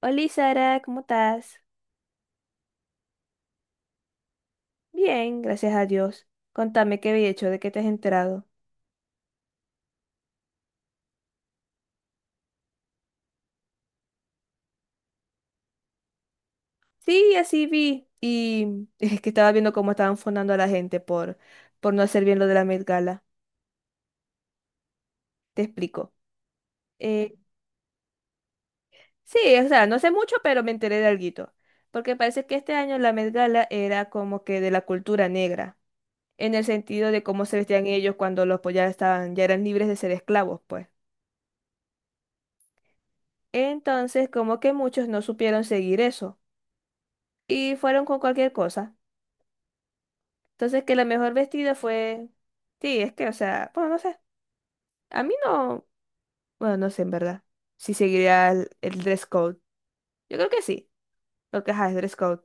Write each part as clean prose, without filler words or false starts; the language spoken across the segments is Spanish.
Hola Sara, ¿cómo estás? Bien, gracias a Dios. Contame qué había hecho, de qué te has enterado. Sí, así vi. Y es que estaba viendo cómo estaban fundando a la gente por no hacer bien lo de la Met Gala. Te explico. Eh, sí, o sea, no sé mucho, pero me enteré de alguito. Porque parece que este año la Met Gala era como que de la cultura negra, en el sentido de cómo se vestían ellos cuando los pues, ya estaban, ya eran libres de ser esclavos, pues. Entonces, como que muchos no supieron seguir eso y fueron con cualquier cosa. Entonces que la mejor vestida fue... Sí, es que, o sea, bueno, no sé. A mí no... Bueno, no sé en verdad. Si seguiría el dress code. Yo creo que sí. Porque, ajá, es dress code.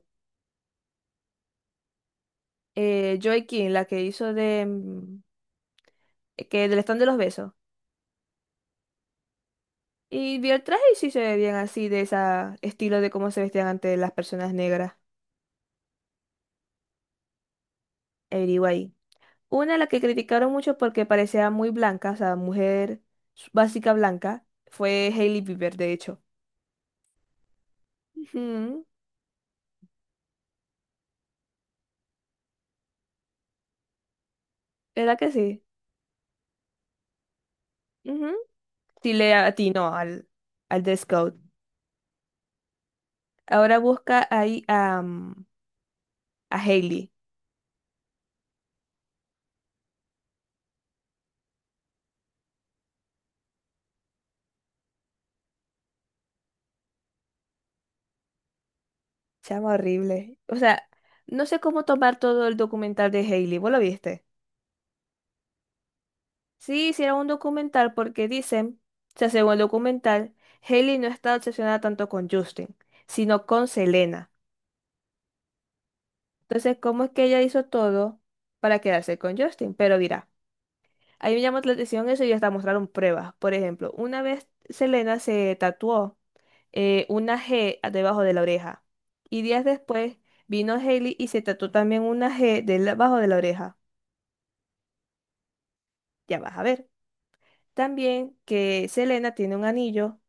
Joy King, la que hizo de... Que del stand de los besos. Y vi el traje y sí se ve bien así, de ese estilo de cómo se vestían antes las personas negras. Anyway. Una a la que criticaron mucho porque parecía muy blanca, o sea, mujer básica blanca, fue Hailey Bieber, de hecho. Ujú. ¿Verdad que sí? Ujú. Sí le atinó al de Scout. Ahora busca ahí a, a Hailey. Chama horrible. O sea, no sé cómo tomar todo el documental de Hailey. ¿Vos lo viste? Sí, hicieron un documental porque dicen, o sea, según el documental, Hailey no está obsesionada tanto con Justin, sino con Selena. Entonces, ¿cómo es que ella hizo todo para quedarse con Justin? Pero mira, ahí me llamó la atención eso y hasta mostraron pruebas. Por ejemplo, una vez Selena se tatuó una G debajo de la oreja. Y días después vino Hailey y se tatuó también una G debajo de la oreja. Ya vas a ver. También que Selena tiene un anillo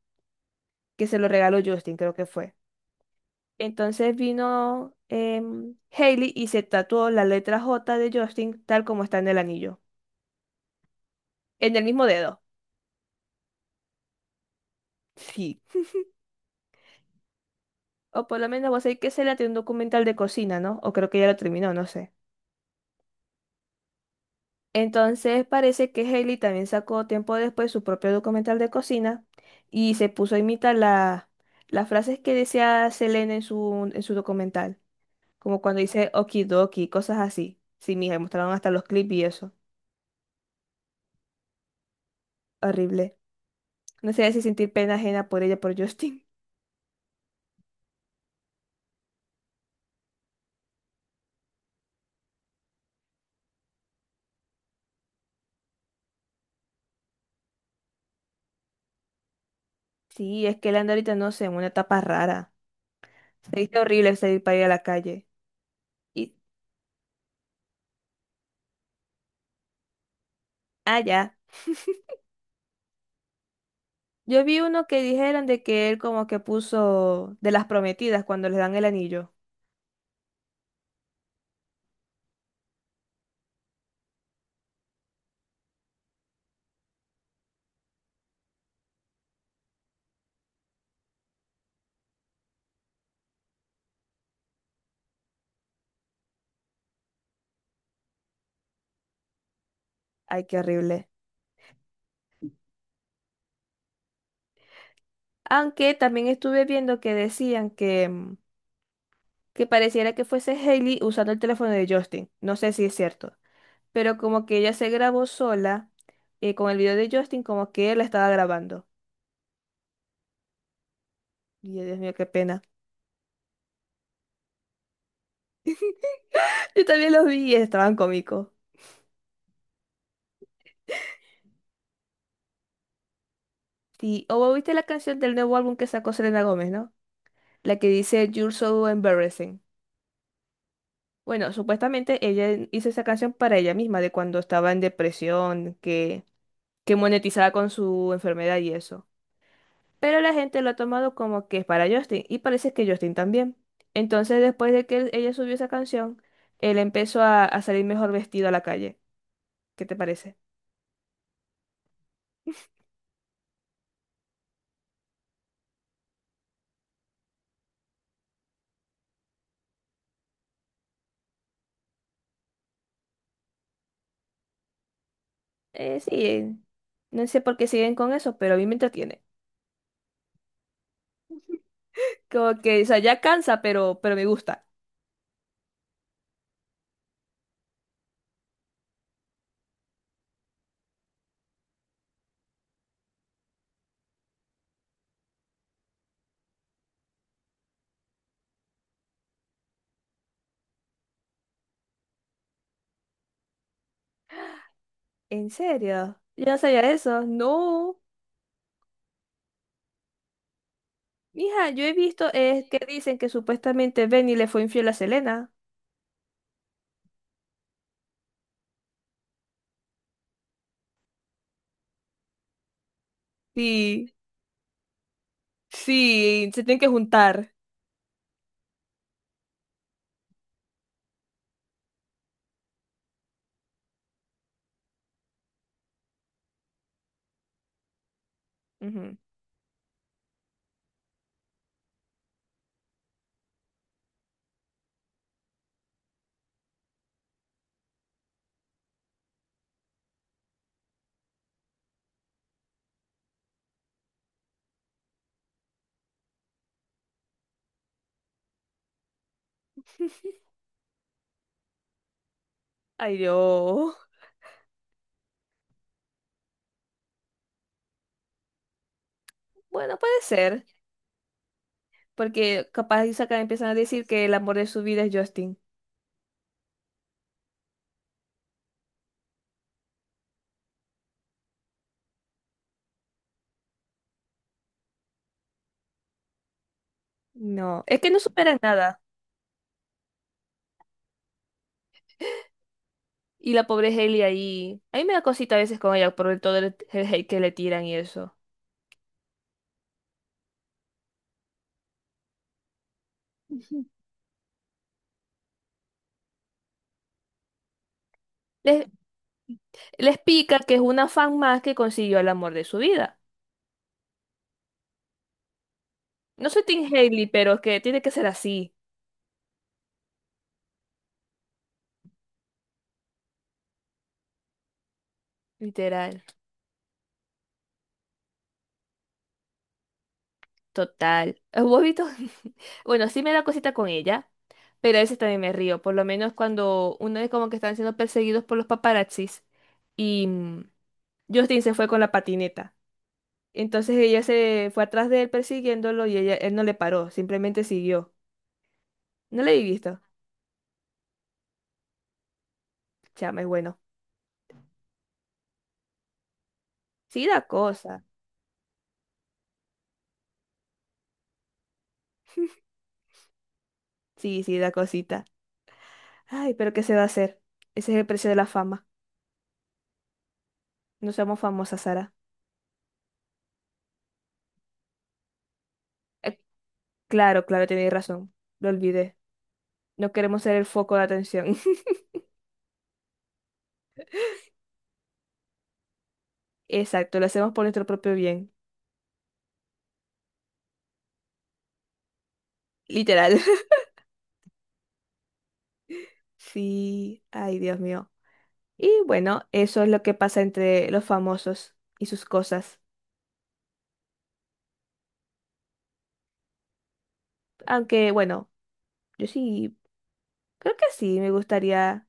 que se lo regaló Justin, creo que fue. Entonces vino Hailey y se tatuó la letra J de Justin tal como está en el anillo. En el mismo dedo. Sí. O por lo menos vos sabés que Selena tiene un documental de cocina, ¿no? O creo que ya lo terminó, no sé. Entonces parece que Hailey también sacó tiempo después su propio documental de cocina y se puso a imitar las frases que decía Selena en en su documental, como cuando dice okidoki, cosas así. Sí, mija, y mostraron hasta los clips y eso. Horrible. No sé si sentir pena ajena por ella, por Justin. Sí, es que él anda ahorita, no sé, en una etapa rara. Se dice horrible salir para ir a la calle. Y, ah, ya. Yo vi uno que dijeron de que él como que puso de las prometidas cuando les dan el anillo. Ay, qué horrible. Aunque también estuve viendo que decían que, que pareciera que fuese Hailey usando el teléfono de Justin. No sé si es cierto. Pero como que ella se grabó sola con el video de Justin, como que él la estaba grabando. Y yo, Dios mío, qué pena. Yo también los vi y estaban cómicos. Sí, o vos viste la canción del nuevo álbum que sacó Selena Gómez, ¿no? La que dice You're so embarrassing. Bueno, supuestamente ella hizo esa canción para ella misma, de cuando estaba en depresión, que monetizaba con su enfermedad y eso. Pero la gente lo ha tomado como que es para Justin y parece que Justin también. Entonces, después de que ella subió esa canción, él empezó a salir mejor vestido a la calle. ¿Qué te parece? Eh, sí, eh, no sé por qué siguen con eso, pero a mí me entretiene. Como que, o sea, ya cansa, pero me gusta. ¿En serio? Yo no sabía eso. No. Mija, yo he visto que dicen que supuestamente Benny le fue infiel a Selena. Sí, sí, se tienen que juntar. Ujú. Ay, Dios. Bueno, puede ser. Porque capaz y sacan, empiezan a decir que el amor de su vida es Justin. No, es que no superan nada. Y la pobre Hailey ahí. A mí me da cosita a veces con ella por todo el hate que le tiran y eso. Ujú. Les, les pica que es una fan más que consiguió el amor de su vida. No soy Team Hailey, pero es que tiene que ser así. Literal. Total. ¿Vos has visto? Bueno, sí me da cosita con ella, pero a veces también me río. Por lo menos cuando uno es como que están siendo perseguidos por los paparazzis. Y. mm, Justin se fue con la patineta. Entonces ella se fue atrás de él persiguiéndolo y ella, él no le paró, simplemente siguió. No le he visto. Chama, es bueno. Sí da cosa. Sí, sí da cosita. Ay, pero ¿qué se va a hacer? Ese es el precio de la fama. No somos famosas, Sara. Eh, claro, claro, tenéis razón. Lo olvidé. No queremos ser el foco de atención. Exacto, lo hacemos por nuestro propio bien. Literal. Sí, ay, Dios mío. Y bueno, eso es lo que pasa entre los famosos y sus cosas. Aunque, bueno. Yo sí, creo que sí, me gustaría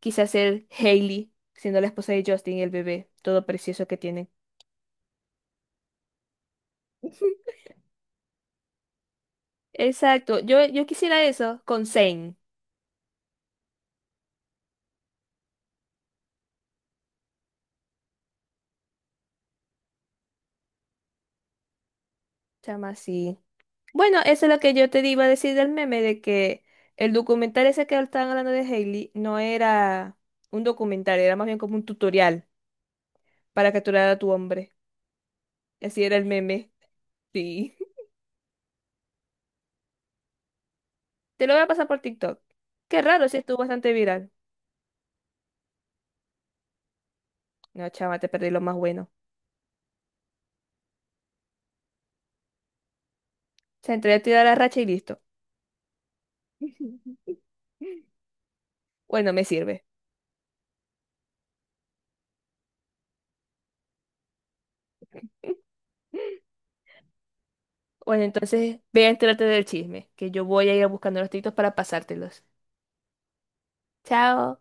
quizás ser Hailey, siendo la esposa de Justin y el bebé, todo precioso que tienen. Exacto, yo quisiera eso con Zane, chama así. Bueno, eso es lo que yo te iba a decir del meme, de que el documental ese que estaban hablando de Hailey no era un documental, era más bien como un tutorial para capturar a tu hombre. Así era el meme. Sí. Te lo voy a pasar por TikTok. Qué raro, sí estuvo bastante viral. No, chama, te perdí lo más bueno. Se entrega a tirar la racha y listo. Bueno, me sirve. Bueno, entonces ve a enterarte del chisme, que yo voy a ir buscando los títulos para pasártelos. Chao.